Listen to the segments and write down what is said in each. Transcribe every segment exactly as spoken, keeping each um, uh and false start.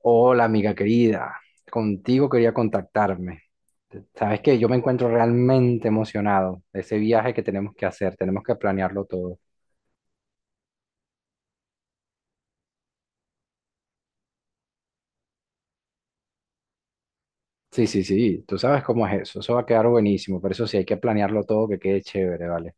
Hola, amiga querida. Contigo quería contactarme. Sabes que yo me encuentro realmente emocionado de ese viaje que tenemos que hacer. Tenemos que planearlo todo. Sí, sí, sí. Tú sabes cómo es eso. Eso va a quedar buenísimo. Pero eso sí, hay que planearlo todo que quede chévere, ¿vale?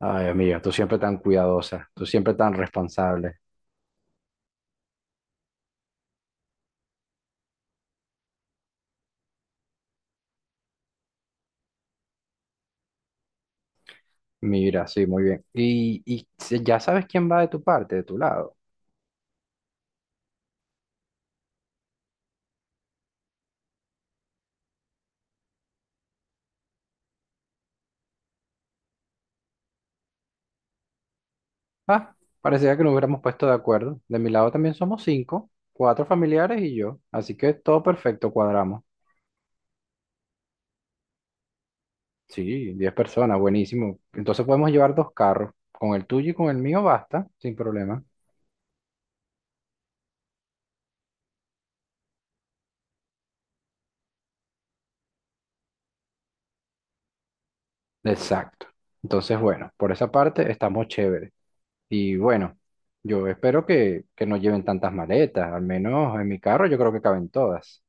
Ay, amiga, tú siempre tan cuidadosa. Tú siempre tan responsable. Mira, sí, muy bien. Y, y si- ya sabes quién va de tu parte, de tu lado. Ah, parecía que nos hubiéramos puesto de acuerdo. De mi lado también somos cinco, cuatro familiares y yo. Así que todo perfecto, cuadramos. Sí, diez personas, buenísimo. Entonces podemos llevar dos carros. Con el tuyo y con el mío basta, sin problema. Exacto. Entonces, bueno, por esa parte estamos chéveres. Y bueno, yo espero que, que no lleven tantas maletas. Al menos en mi carro yo creo que caben todas.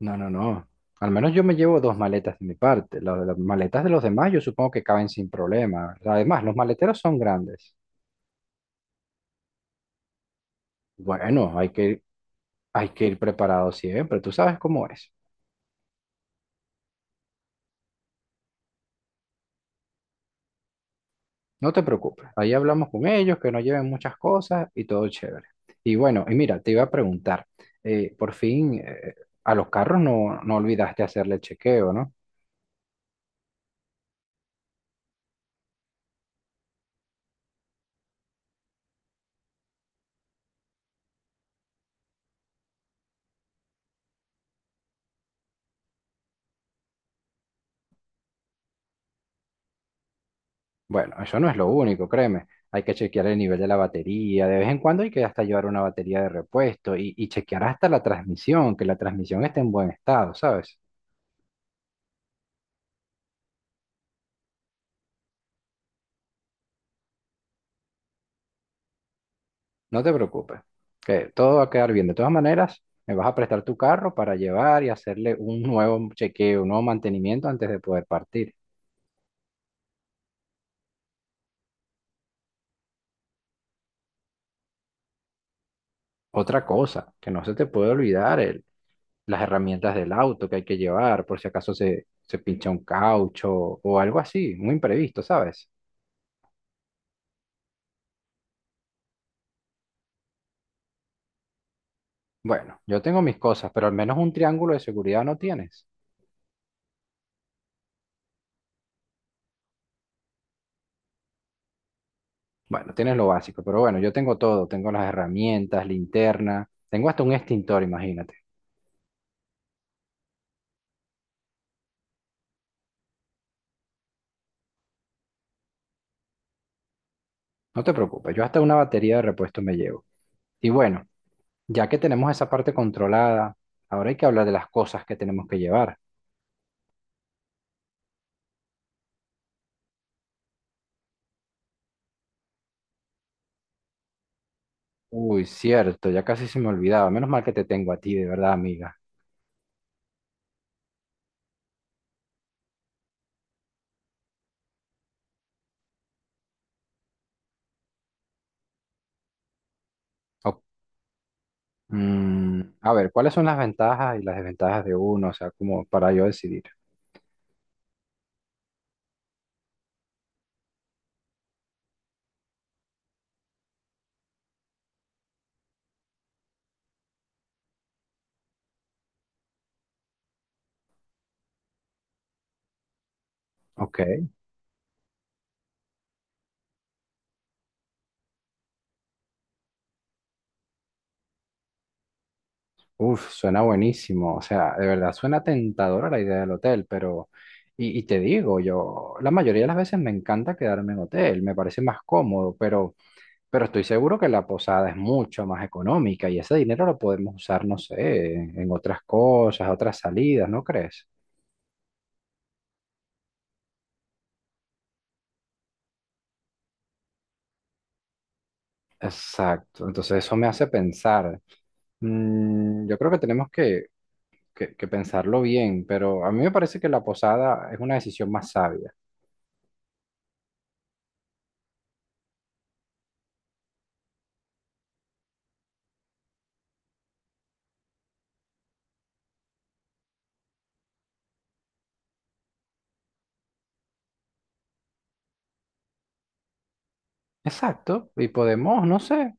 No, no, no. Al menos yo me llevo dos maletas de mi parte. Las, las maletas de los demás yo supongo que caben sin problema. Además, los maleteros son grandes. Bueno, hay que, hay que ir preparado siempre. Tú sabes cómo es. No te preocupes, ahí hablamos con ellos, que no lleven muchas cosas y todo chévere. Y bueno, y mira, te iba a preguntar, eh, por fin eh, a los carros no, no olvidaste hacerle el chequeo, ¿no? Bueno, eso no es lo único, créeme. Hay que chequear el nivel de la batería, de vez en cuando hay que hasta llevar una batería de repuesto y, y chequear hasta la transmisión, que la transmisión esté en buen estado, ¿sabes? No te preocupes, que todo va a quedar bien. De todas maneras, me vas a prestar tu carro para llevar y hacerle un nuevo chequeo, un nuevo mantenimiento antes de poder partir. Otra cosa, que no se te puede olvidar, el- las herramientas del auto que hay que llevar por si acaso se, se pincha un caucho o algo así, muy imprevisto, ¿sabes? Bueno, yo tengo mis cosas, pero al menos un triángulo de seguridad no tienes. Bueno, tienes lo básico, pero bueno, yo tengo todo, tengo las herramientas, linterna, tengo hasta un extintor, imagínate. No te preocupes, yo hasta una batería de repuesto me llevo. Y bueno, ya que tenemos esa parte controlada, ahora hay que hablar de las cosas que tenemos que llevar. Uy, cierto, ya casi se me olvidaba. Menos mal que te tengo a ti, de verdad, amiga. O- mm, a ver, ¿cuáles son las ventajas y las desventajas de uno? O sea, como para yo decidir. Ok, uf, suena buenísimo. O sea, de verdad, suena tentadora la idea del hotel, pero... Y, y te digo, yo, la mayoría de las veces me encanta quedarme en hotel, me parece más cómodo, pero, pero estoy seguro que la posada es mucho más económica y ese dinero lo podemos usar, no sé, en otras cosas, otras salidas, ¿no crees? Exacto, entonces eso me hace pensar. Mm, yo creo que tenemos que, que- que pensarlo bien, pero a mí me parece que la posada es una decisión más sabia. Exacto, y podemos, no sé,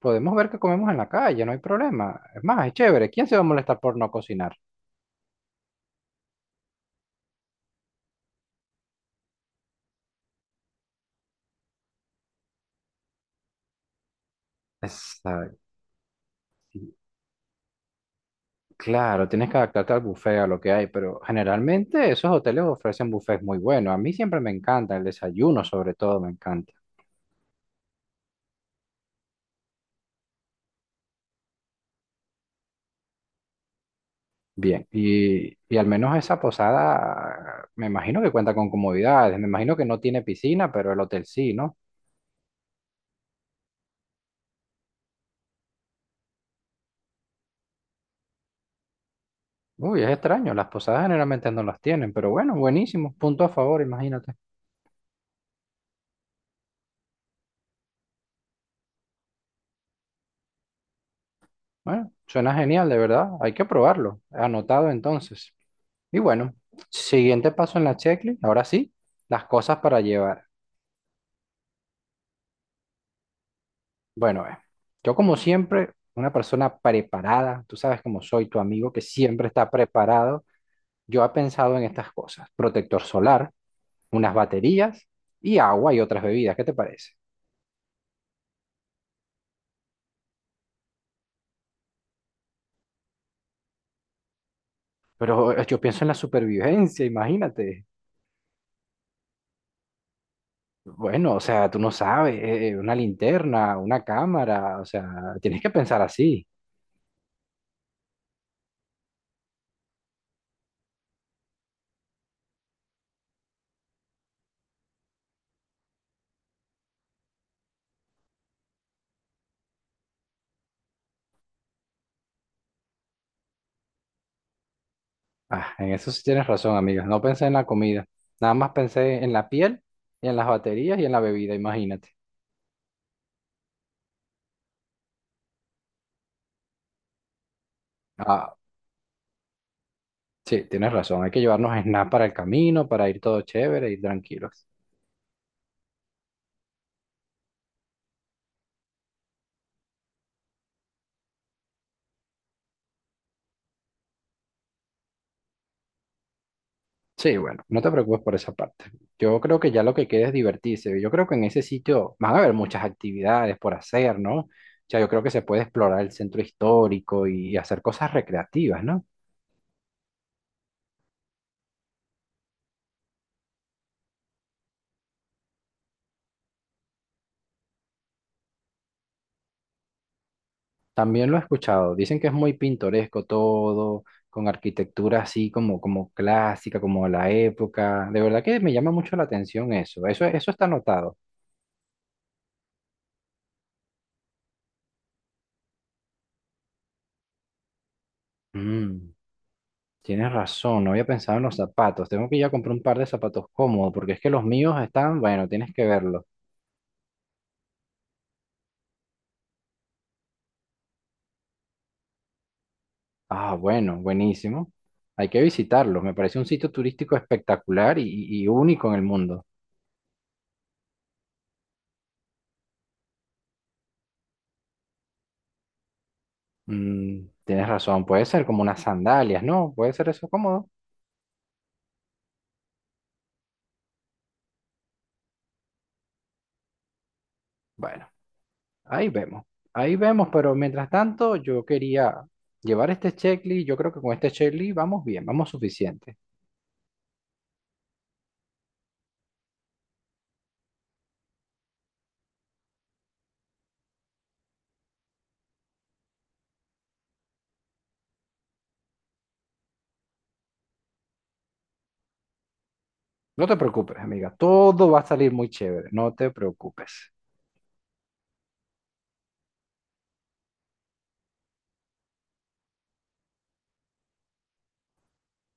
podemos ver qué comemos en la calle, no hay problema. Es más, es chévere, ¿quién se va a molestar por no cocinar? Exacto. Claro, tienes que adaptarte al buffet, a lo que hay, pero generalmente esos hoteles ofrecen buffets muy buenos. A mí siempre me encanta el desayuno, sobre todo me encanta. Bien, y, y al menos esa posada, me imagino que cuenta con comodidades, me imagino que no tiene piscina, pero el hotel sí, ¿no? Uy, es extraño, las posadas generalmente no las tienen, pero bueno, buenísimo, punto a favor, imagínate. Bueno, suena genial, de verdad, hay que probarlo, anotado entonces. Y bueno, siguiente paso en la checklist, ahora sí, las cosas para llevar. Bueno, eh, yo como siempre, una persona preparada, tú sabes cómo soy tu amigo que siempre está preparado, yo he pensado en estas cosas, protector solar unas baterías y agua y otras bebidas. ¿Qué te parece? Pero eh, yo pienso en la supervivencia, imagínate. Bueno, o sea, tú no sabes, eh, eh, una linterna, una cámara, o sea, tienes que pensar así. Ah, en eso sí tienes razón, amiga. No pensé en la comida, nada más pensé en la piel y en las baterías y en la bebida, imagínate. Ah, sí, tienes razón, hay que llevarnos snacks para el camino, para ir todo chévere, ir tranquilos. Sí, bueno, no te preocupes por esa parte. Yo creo que ya lo que queda es divertirse. Yo creo que en ese sitio van a haber muchas actividades por hacer, ¿no? O sea, yo creo que se puede explorar el centro histórico y hacer cosas recreativas, ¿no? También lo he escuchado. Dicen que es muy pintoresco todo, con arquitectura así como, como clásica, como la época. De verdad que me llama mucho la atención eso. Eso, eso está anotado. Mm, tienes razón, no había pensado en los zapatos. Tengo que ir a comprar un par de zapatos cómodos, porque es que los míos están, bueno, tienes que verlos. Ah, bueno, buenísimo. Hay que visitarlo. Me parece un sitio turístico espectacular y, y único en el mundo. Mm, tienes razón, puede ser como unas sandalias, ¿no? Puede ser eso cómodo. Bueno, ahí vemos. Ahí vemos, pero mientras tanto yo quería llevar este checklist. Yo creo que con este checklist vamos bien, vamos suficiente. No te preocupes, amiga. Todo va a salir muy chévere. No te preocupes.